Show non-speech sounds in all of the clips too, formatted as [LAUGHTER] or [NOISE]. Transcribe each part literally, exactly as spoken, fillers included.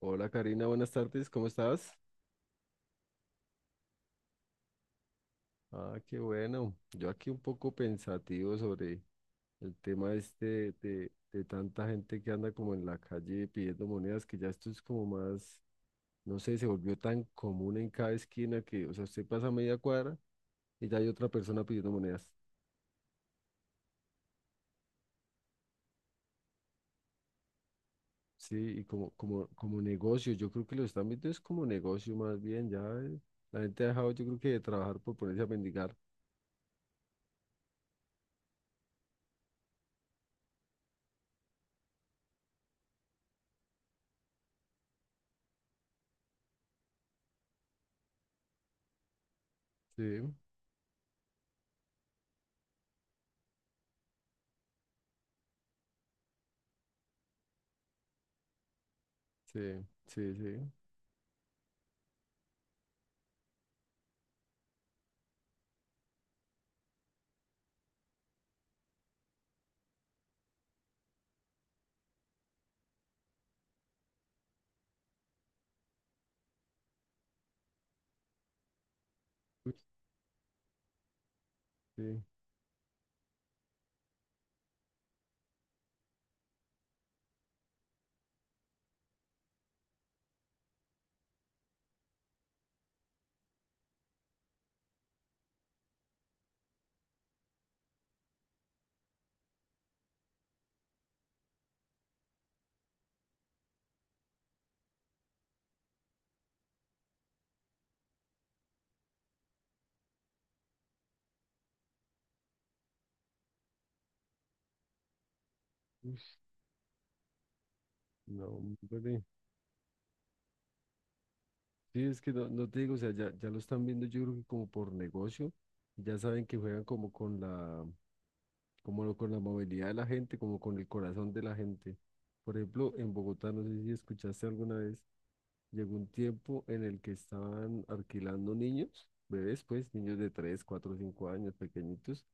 Hola Karina, buenas tardes, ¿cómo estás? Ah, qué bueno. Yo aquí un poco pensativo sobre el tema este de, de tanta gente que anda como en la calle pidiendo monedas, que ya esto es como más, no sé, se volvió tan común en cada esquina que, o sea, usted pasa media cuadra y ya hay otra persona pidiendo monedas. Sí, y como, como, como negocio, yo creo que lo están viendo es como negocio más bien, ya eh, la gente ha dejado, yo creo que de trabajar por ponerse a mendigar. Sí, sí, sí, sí. Uy, sí. No, hombre. Sí, es que no, no te digo, o sea, ya, ya lo están viendo yo creo que como por negocio, ya saben que juegan como con la, como lo- con la movilidad de la gente, como con el corazón de la gente. Por ejemplo, en Bogotá, no sé si escuchaste alguna vez, llegó un tiempo en el que estaban alquilando niños, bebés pues, niños de tres cuatro cinco años, pequeñitos,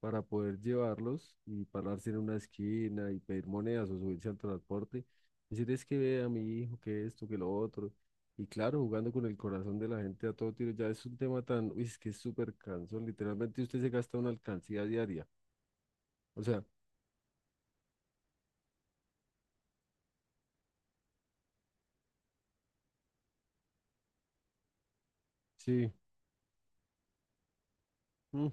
para poder llevarlos y pararse en una esquina y pedir monedas o subirse al transporte. Decir es que ve a mi hijo, que esto, que lo otro. Y claro, jugando con el corazón de la gente a todo tiro, ya es un tema tan, uy, es que es súper cansón. Literalmente usted se gasta una alcancía diaria. O sea, sí, mm,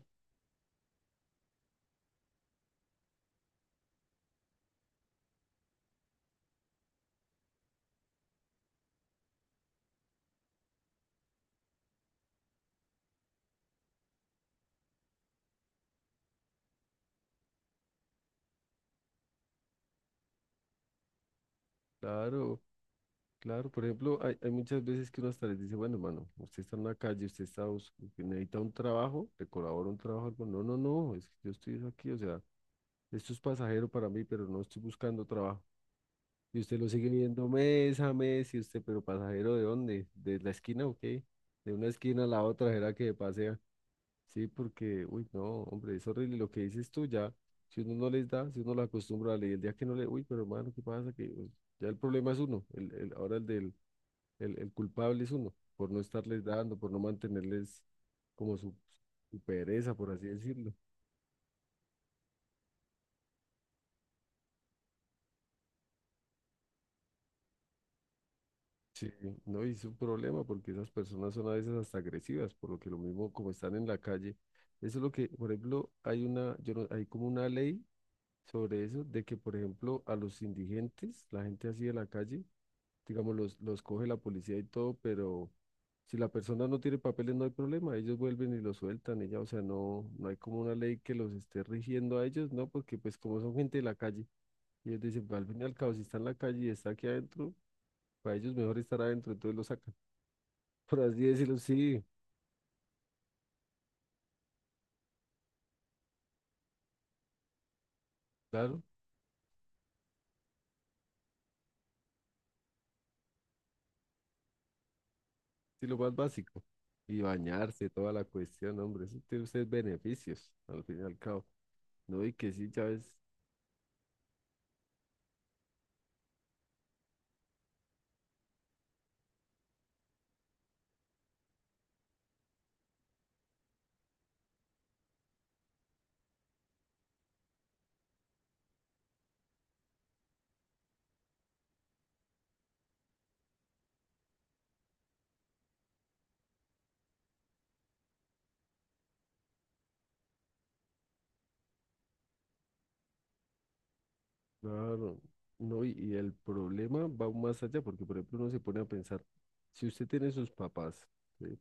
claro, claro. Por ejemplo, hay, hay muchas veces que uno hasta les dice, bueno, hermano, usted está en la calle, usted está, bus- que necesita un trabajo, le colaboro un trabajo, algo". No, no, no, es que yo estoy aquí, o sea, esto es pasajero para mí, pero no estoy buscando trabajo. Y usted lo sigue viendo mes a mes y usted, ¿pero pasajero de dónde? ¿De la esquina o qué? De una esquina a la otra, ¿será que pasea? Sí, porque, uy, no, hombre, es horrible lo que dices tú ya. Si uno no les da, si uno lo acostumbra a leer, el día que no le, uy, pero hermano, ¿qué pasa? Que pues, ya el problema es uno, el, el- ahora el del, el, el culpable es uno, por no estarles dando, por no mantenerles como su, su pereza, por así decirlo. Sí, no, y es un problema porque esas personas son a veces hasta agresivas, por lo que lo mismo como están en la calle. Eso es lo que, por ejemplo, hay una, yo no- hay como una ley sobre eso, de que, por ejemplo, a los indigentes, la gente así de la calle, digamos, los, los coge la policía y todo, pero si la persona no tiene papeles no hay problema, ellos vuelven y los sueltan y ya, o sea, no, no hay como una ley que los esté rigiendo a ellos, ¿no? Porque pues como son gente de la calle, ellos dicen, "Pues, al fin y al cabo, si está en la calle y está aquí adentro, para ellos mejor estar adentro, entonces los sacan por así decirlo, sí, claro, sí, lo más básico. Y bañarse, toda la cuestión, hombre, eso tiene usted beneficios, al fin y al cabo. No, y que sí, ya ves, claro, no, y, y el problema va aún más allá, porque por ejemplo uno se pone a pensar, si usted tiene sus papás, ¿sí?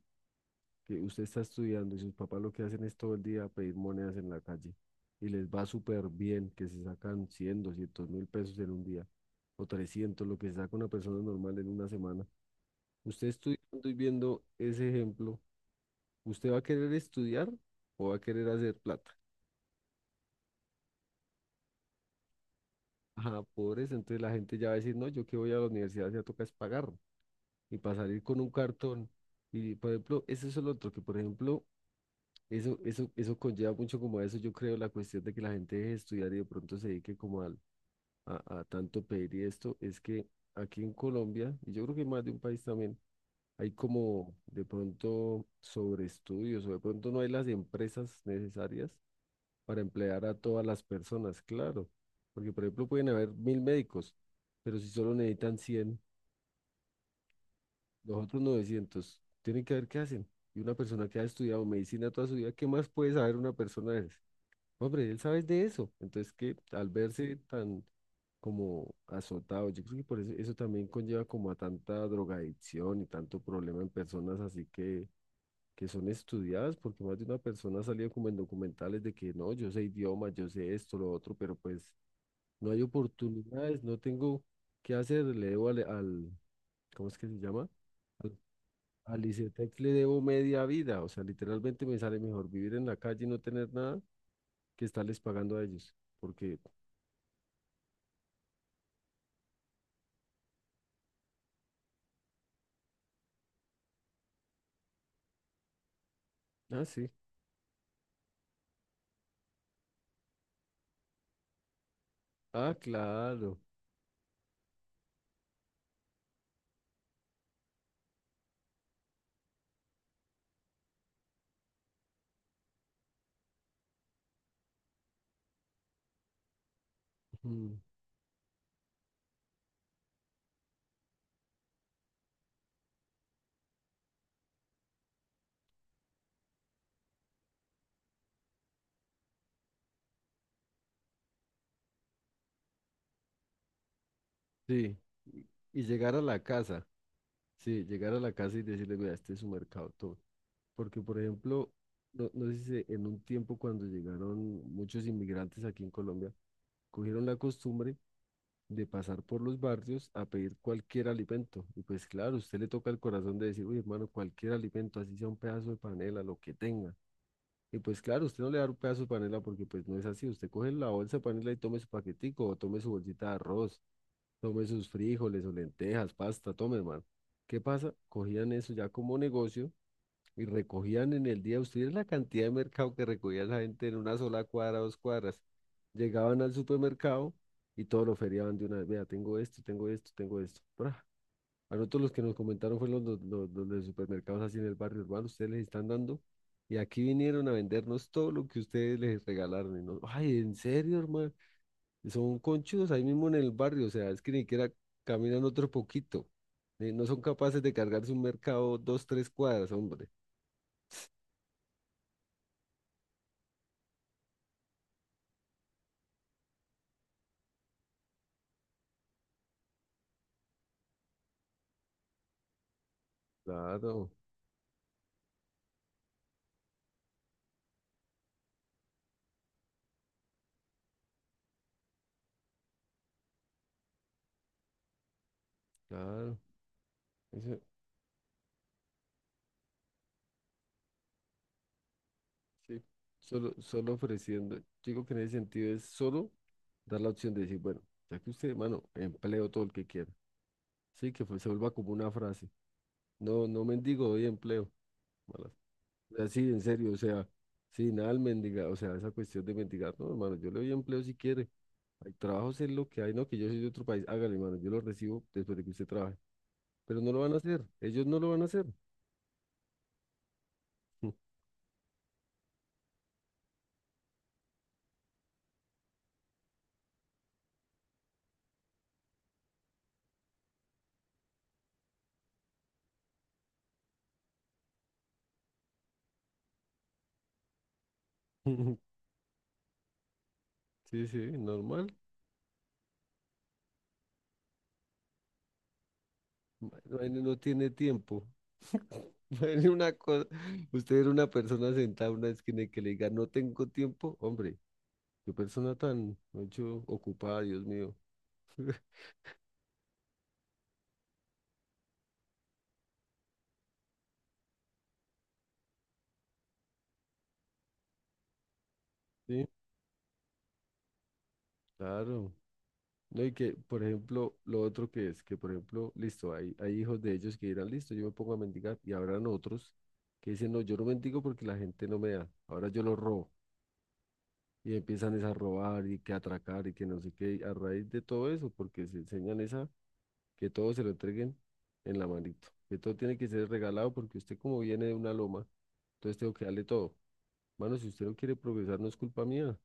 Que usted está estudiando y sus papás lo que hacen es todo el día pedir monedas en la calle y les va súper bien, que se sacan cien, doscientos mil pesos en un día, o trescientos lo que se saca una persona normal en una semana. Usted estudiando y viendo ese ejemplo, ¿usted va a querer estudiar o va a querer hacer plata? Ajá, por eso, entonces la gente ya va a decir, no, yo que voy a la universidad ya toca es pagar y para salir con un cartón. Y por ejemplo, eso es lo otro, que por ejemplo, eso, eso, eso conlleva mucho como a eso, yo creo, la cuestión de que la gente deje de estudiar y de pronto se dedique como al, a, a tanto pedir y esto, es que aquí en Colombia, y yo creo que en más de un país también, hay como de pronto sobre estudios o de pronto no hay las empresas necesarias para emplear a todas las personas, claro. Porque, por ejemplo, pueden haber mil médicos, pero si solo necesitan cien, los otros novecientos, tienen que ver qué hacen. Y una persona que ha estudiado medicina toda su vida, ¿qué más puede saber una persona de esas? Hombre, él sabe de eso. Entonces, que al verse tan como azotado, yo creo que por eso, eso también conlleva como a tanta drogadicción y tanto problema en personas así que, que son estudiadas, porque más de una persona ha salido como en documentales de que no, yo sé idiomas, yo sé esto, lo otro, pero pues no hay oportunidades, no tengo qué hacer, le debo al, al- ¿cómo es que se llama? Al, al ICETEX le debo media vida, o sea, literalmente me sale mejor vivir en la calle y no tener nada que estarles pagando a ellos, porque, ah, sí, ah, claro, ujú, sí, y y llegar a la casa, sí, llegar a la casa y decirle, mira, este es su mercado, todo, porque, por ejemplo, no, no sé si se- en un tiempo cuando llegaron muchos inmigrantes aquí en Colombia, cogieron la costumbre de pasar por los barrios a pedir cualquier alimento. Y pues claro, usted le toca el corazón de decir, uy, hermano, cualquier alimento, así sea un pedazo de panela, lo que tenga. Y pues claro, usted no le da un pedazo de panela porque pues no es así. Usted coge la bolsa de panela y tome su paquetico, o tome su bolsita de arroz, tome sus frijoles o lentejas, pasta, tome, hermano. ¿Qué pasa? Cogían eso ya como negocio y recogían en el día, ustedes la cantidad de mercado que recogía la gente en una sola cuadra, dos cuadras. Llegaban al supermercado y todo lo feriaban de una vez. Vea, tengo esto, tengo esto, tengo esto. ¡Pra! A nosotros los que nos comentaron fueron los, los, los de supermercados así en el barrio urbano, ustedes les están dando. Y aquí vinieron a vendernos todo lo que ustedes les regalaron. Y nos, ay, ¿en serio, hermano? Son conchudos ahí mismo en el barrio, o sea, es que ni siquiera caminan otro poquito. eh, no son capaces de cargarse un mercado dos, tres cuadras, hombre. Claro, claro. Eso, sí. Solo, solo ofreciendo, yo digo que en ese sentido es solo dar la opción de decir, bueno, ya que usted, mano, empleo todo el que quiera. Sí, que fue- se vuelva como una frase. No, no mendigo, doy empleo. Malas. O sea, sí, en serio, o sea, sí, nada al mendigar, o sea, esa cuestión de mendigar, no, hermano, yo le doy empleo si quiere. Hay trabajos en lo que hay, no, que yo soy de otro país, hágale, hermano, yo lo recibo después de que usted trabaje. Pero no lo van a hacer, ellos no lo van a hacer. [LAUGHS] Sí, sí, normal. Bueno, no tiene tiempo. [LAUGHS] Bueno, una cosa, usted era una persona sentada en una esquina y que le diga, no tengo tiempo, hombre, qué persona tan mucho ocupada, Dios mío. Sí, claro. No, y que, por ejemplo, lo otro que es, que por ejemplo, listo, hay, hay hijos de ellos que dirán, listo, yo me pongo a mendigar, y habrán otros que dicen, no, yo no mendigo porque la gente no me da, ahora yo lo robo. Y empiezan es a robar y que atracar y que no sé qué, a raíz de todo eso, porque se enseñan esa que todo se lo entreguen en la manito, que todo tiene que ser regalado porque usted como viene de una loma, entonces tengo que darle todo. Mano, si usted no quiere progresar, no es culpa mía,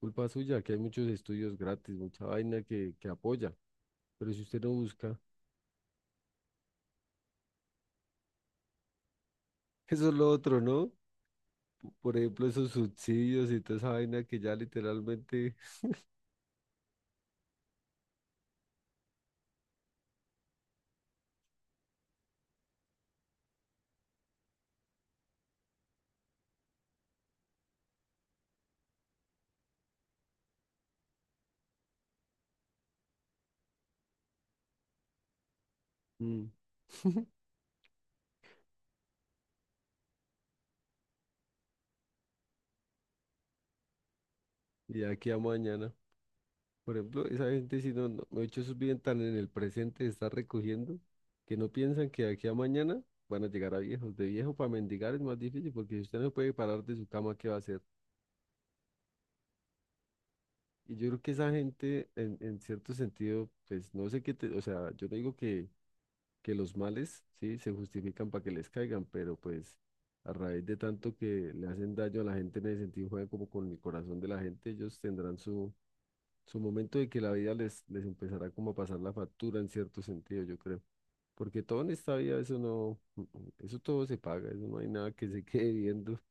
culpa suya, que hay muchos estudios gratis, mucha vaina que, que apoya, pero si usted no busca, [LAUGHS] eso es lo otro, ¿no? P- Por ejemplo, esos subsidios y toda esa vaina que ya literalmente, mm, [LAUGHS] y de aquí a mañana. Por ejemplo, esa gente si no, no, de hecho, sus viven tan en el presente, está recogiendo, que no piensan que de aquí a mañana van a llegar a viejos. De viejo para mendigar es más difícil porque si usted no puede parar de su cama, ¿qué va a hacer? Y yo creo que esa gente, en, en cierto sentido, pues no sé qué te, o sea, yo no digo que, que, los males, sí, se justifican para que les caigan, pero pues a raíz de tanto que le hacen daño a la gente en el sentido, juegan como con el corazón de la gente, ellos tendrán su su momento de que la vida les, les empezará como a pasar la factura en cierto sentido, yo creo. Porque todo en esta vida, eso no, [LAUGHS] eso todo se paga, eso no hay nada que se [LAUGHS] quede viendo.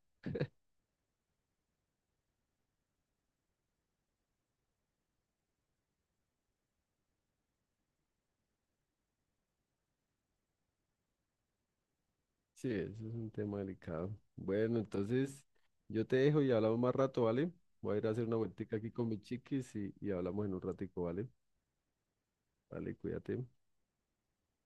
Sí, eso es un tema delicado. Bueno, entonces yo te dejo y hablamos más rato, ¿vale? Voy a ir a hacer una vueltica aquí con mis chiquis y, y hablamos en un ratico, ¿vale? Vale, cuídate.